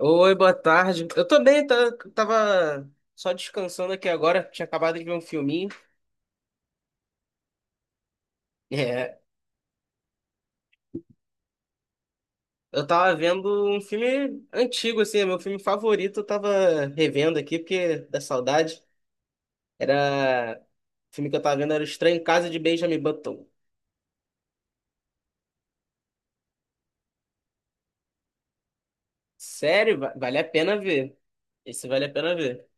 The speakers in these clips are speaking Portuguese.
Oi, boa tarde. Eu também tava só descansando aqui agora, tinha acabado de ver um filminho. É, eu tava vendo um filme antigo, assim, é meu filme favorito, eu tava revendo aqui, porque da saudade. Era. O filme que eu tava vendo era O Estranho Caso de Benjamin Button. Sério, vale a pena ver. Esse vale a pena ver.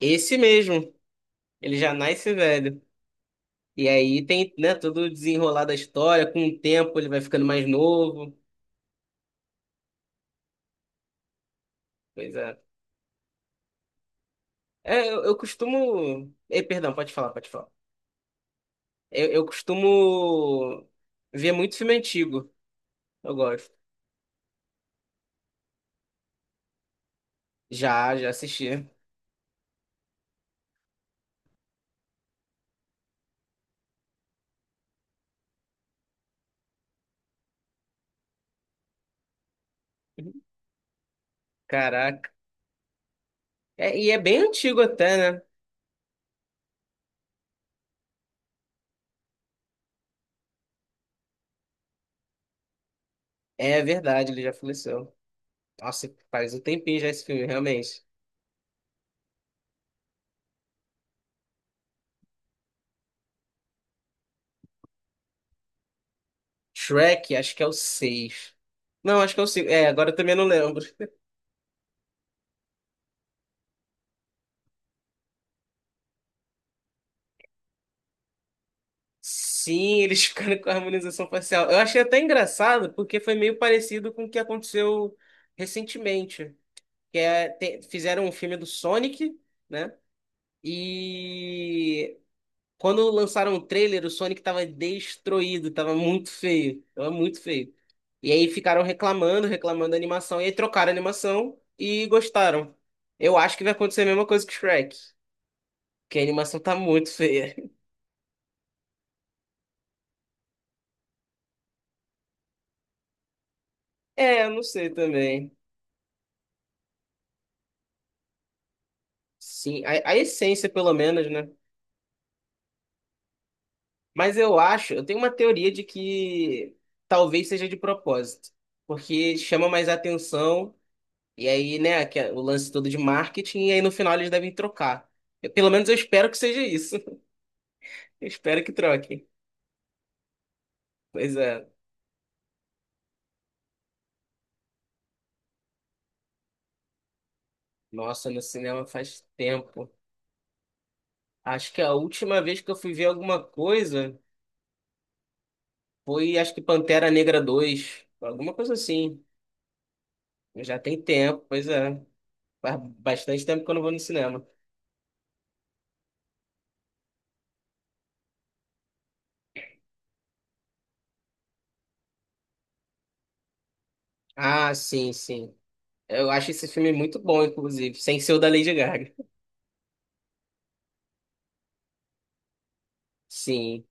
Esse mesmo, ele já nasce velho. E aí tem, né, todo o desenrolar da história, com o tempo ele vai ficando mais novo. Pois é. É, eu costumo. Perdão, pode falar, pode falar. Eu costumo ver muito filme antigo. Eu gosto. Já, já assisti. Caraca. É, e é bem antigo até, né? É verdade, ele já faleceu. Nossa, faz um tempinho já esse filme, realmente. Shrek, acho que é o 6. Não, acho que é o 5. É, agora eu também não lembro. Sim, eles ficaram com a harmonização facial. Eu achei até engraçado, porque foi meio parecido com o que aconteceu recentemente. Que é, fizeram um filme do Sonic, né? E quando lançaram o trailer, o Sonic tava destruído, tava muito feio, tava muito feio. E aí ficaram reclamando, da animação, e aí trocaram a animação e gostaram. Eu acho que vai acontecer a mesma coisa que Shrek, que a animação tá muito feia. É, eu não sei também. Sim, a essência pelo menos, né? Mas eu acho, eu tenho uma teoria de que talvez seja de propósito, porque chama mais atenção e aí, né, que é o lance todo de marketing, e aí no final eles devem trocar. Pelo menos eu espero que seja isso. Eu espero que troquem. Pois é. Nossa, no cinema faz tempo. Acho que a última vez que eu fui ver alguma coisa foi, acho que Pantera Negra 2 alguma coisa assim. Já tem tempo, pois é. Faz bastante tempo que eu não vou no cinema. Ah, sim, sim. Eu acho esse filme muito bom, inclusive, sem ser o da Lady Gaga. Sim,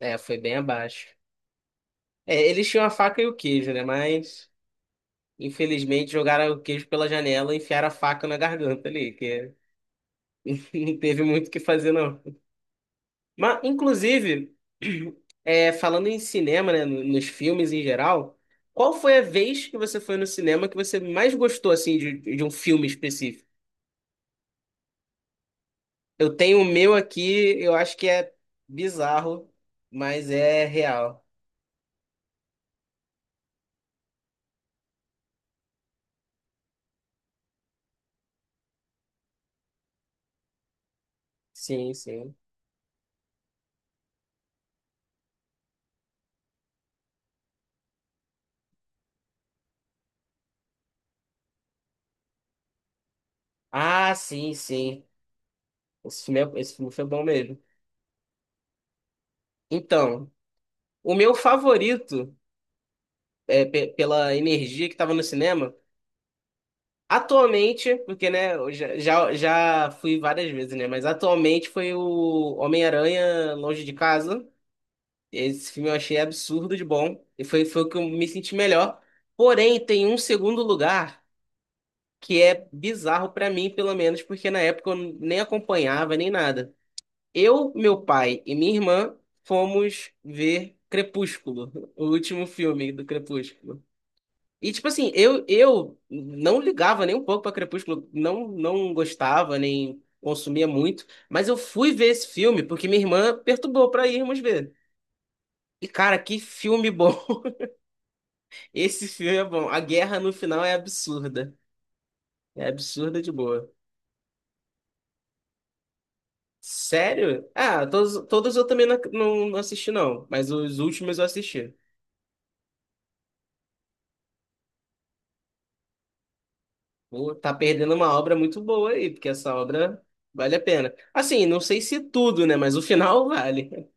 é, foi bem abaixo. É, eles tinham a faca e o queijo, né? Mas infelizmente, jogaram o queijo pela janela e enfiaram a faca na garganta ali, que não teve muito o que fazer, não. Mas, inclusive, é, falando em cinema, né, nos filmes em geral, qual foi a vez que você foi no cinema que você mais gostou, assim, de um filme específico? Eu tenho o meu aqui, eu acho que é bizarro, mas é real. Sim, sim. Ah, sim, sim. Esse filme, esse filme foi bom mesmo. Então, o meu favorito. Pela energia que estava no cinema. Atualmente, porque né, eu já fui várias vezes, né? Mas atualmente foi o Homem-Aranha Longe de Casa. Esse filme eu achei absurdo de bom. E foi, foi o que eu me senti melhor. Porém, tem um segundo lugar que é bizarro pra mim, pelo menos, porque na época eu nem acompanhava nem nada. Eu, meu pai e minha irmã fomos ver Crepúsculo, o último filme do Crepúsculo. E, tipo assim, eu não ligava nem um pouco pra Crepúsculo, não, não gostava, nem consumia muito, mas eu fui ver esse filme porque minha irmã perturbou pra irmos ver. E, cara, que filme bom! Esse filme é bom. A guerra no final é absurda. É absurda de boa. Sério? Ah, todos, todos eu também não, não, não assisti, não, mas os últimos eu assisti. Pô, tá perdendo uma obra muito boa aí, porque essa obra vale a pena. Assim, não sei se tudo, né, mas o final vale.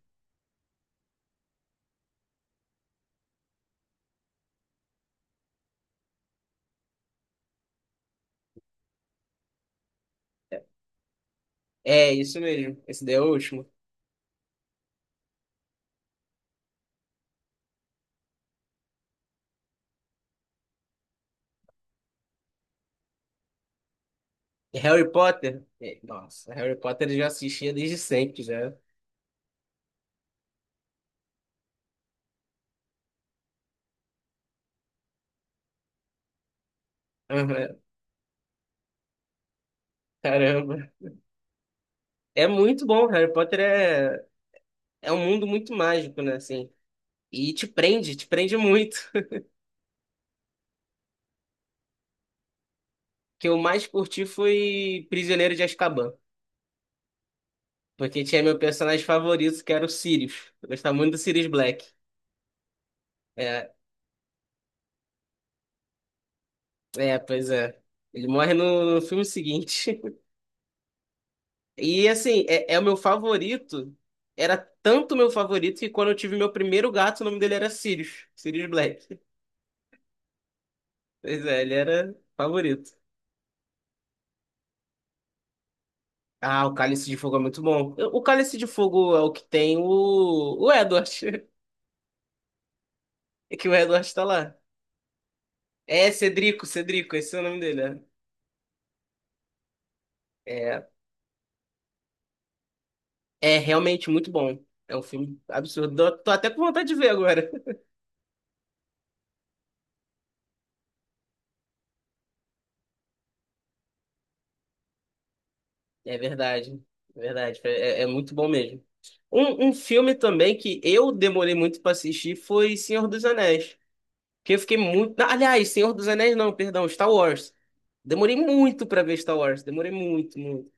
É, isso mesmo. Esse daí é o último. E Harry Potter? É, nossa, Harry Potter eu já assistia desde sempre, já. Aham, caramba. É muito bom. Harry Potter é, é um mundo muito mágico, né? Assim. E te prende muito. O que eu mais curti foi Prisioneiro de Azkaban. Porque tinha meu personagem favorito, que era o Sirius. Eu gostava muito do Sirius Black. É, é, pois é. Ele morre no, no filme seguinte. E assim, é o meu favorito. Era tanto meu favorito que quando eu tive meu primeiro gato, o nome dele era Sirius. Sirius Black. Pois é, ele era favorito. Ah, o Cálice de Fogo é muito bom. O Cálice de Fogo é o que tem o Edward. É que o Edward tá lá. É, Cedrico, Cedrico, esse é o nome dele, né? É, é realmente muito bom. É um filme absurdo. Tô até com vontade de ver agora. É verdade, é verdade. É, é muito bom mesmo. Um filme também que eu demorei muito pra assistir foi Senhor dos Anéis. Que eu fiquei muito. Ah, aliás, Senhor dos Anéis não, perdão, Star Wars. Demorei muito pra ver Star Wars. Demorei muito, muito.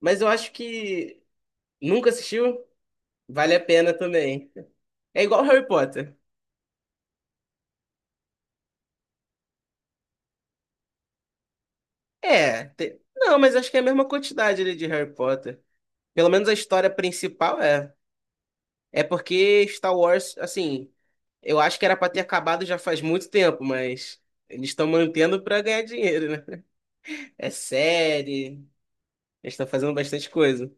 Mas eu acho que nunca assistiu, vale a pena também. É igual Harry Potter. É. Não, mas acho que é a mesma quantidade ali de Harry Potter. Pelo menos a história principal é. É porque Star Wars, assim, eu acho que era pra ter acabado já faz muito tempo, mas eles estão mantendo pra ganhar dinheiro, né? É série, eles estão fazendo bastante coisa.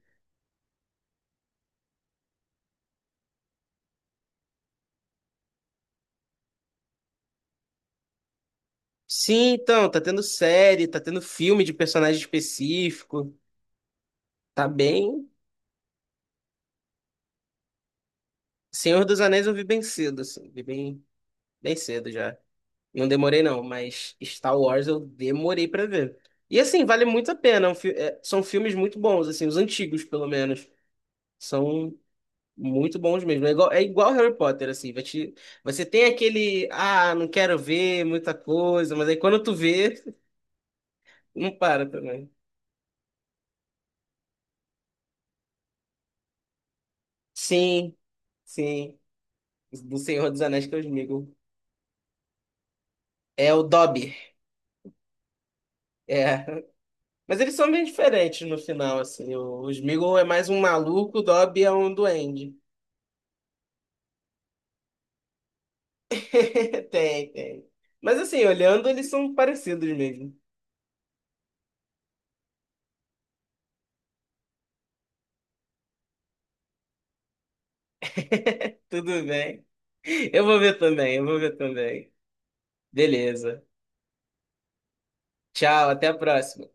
Sim, então, tá tendo série, tá tendo filme de personagem específico, tá bem. Senhor dos Anéis eu vi bem cedo, assim, vi bem, bem cedo já. Não demorei não, mas Star Wars eu demorei pra ver. E assim, vale muito a pena, é um são filmes muito bons, assim, os antigos pelo menos. São muito bons mesmo. É igual Harry Potter, assim. Você tem aquele, ah, não quero ver muita coisa, mas aí quando tu vê, não para também. Sim, sim. Do Senhor dos Anéis que eu digo. É o Dobby. É. Mas eles são bem diferentes no final, assim. O Sméagol é mais um maluco, o Dobby é um duende. Tem, tem. Mas assim, olhando, eles são parecidos mesmo. Tudo bem. Eu vou ver também, eu vou ver também. Beleza. Tchau, até a próxima.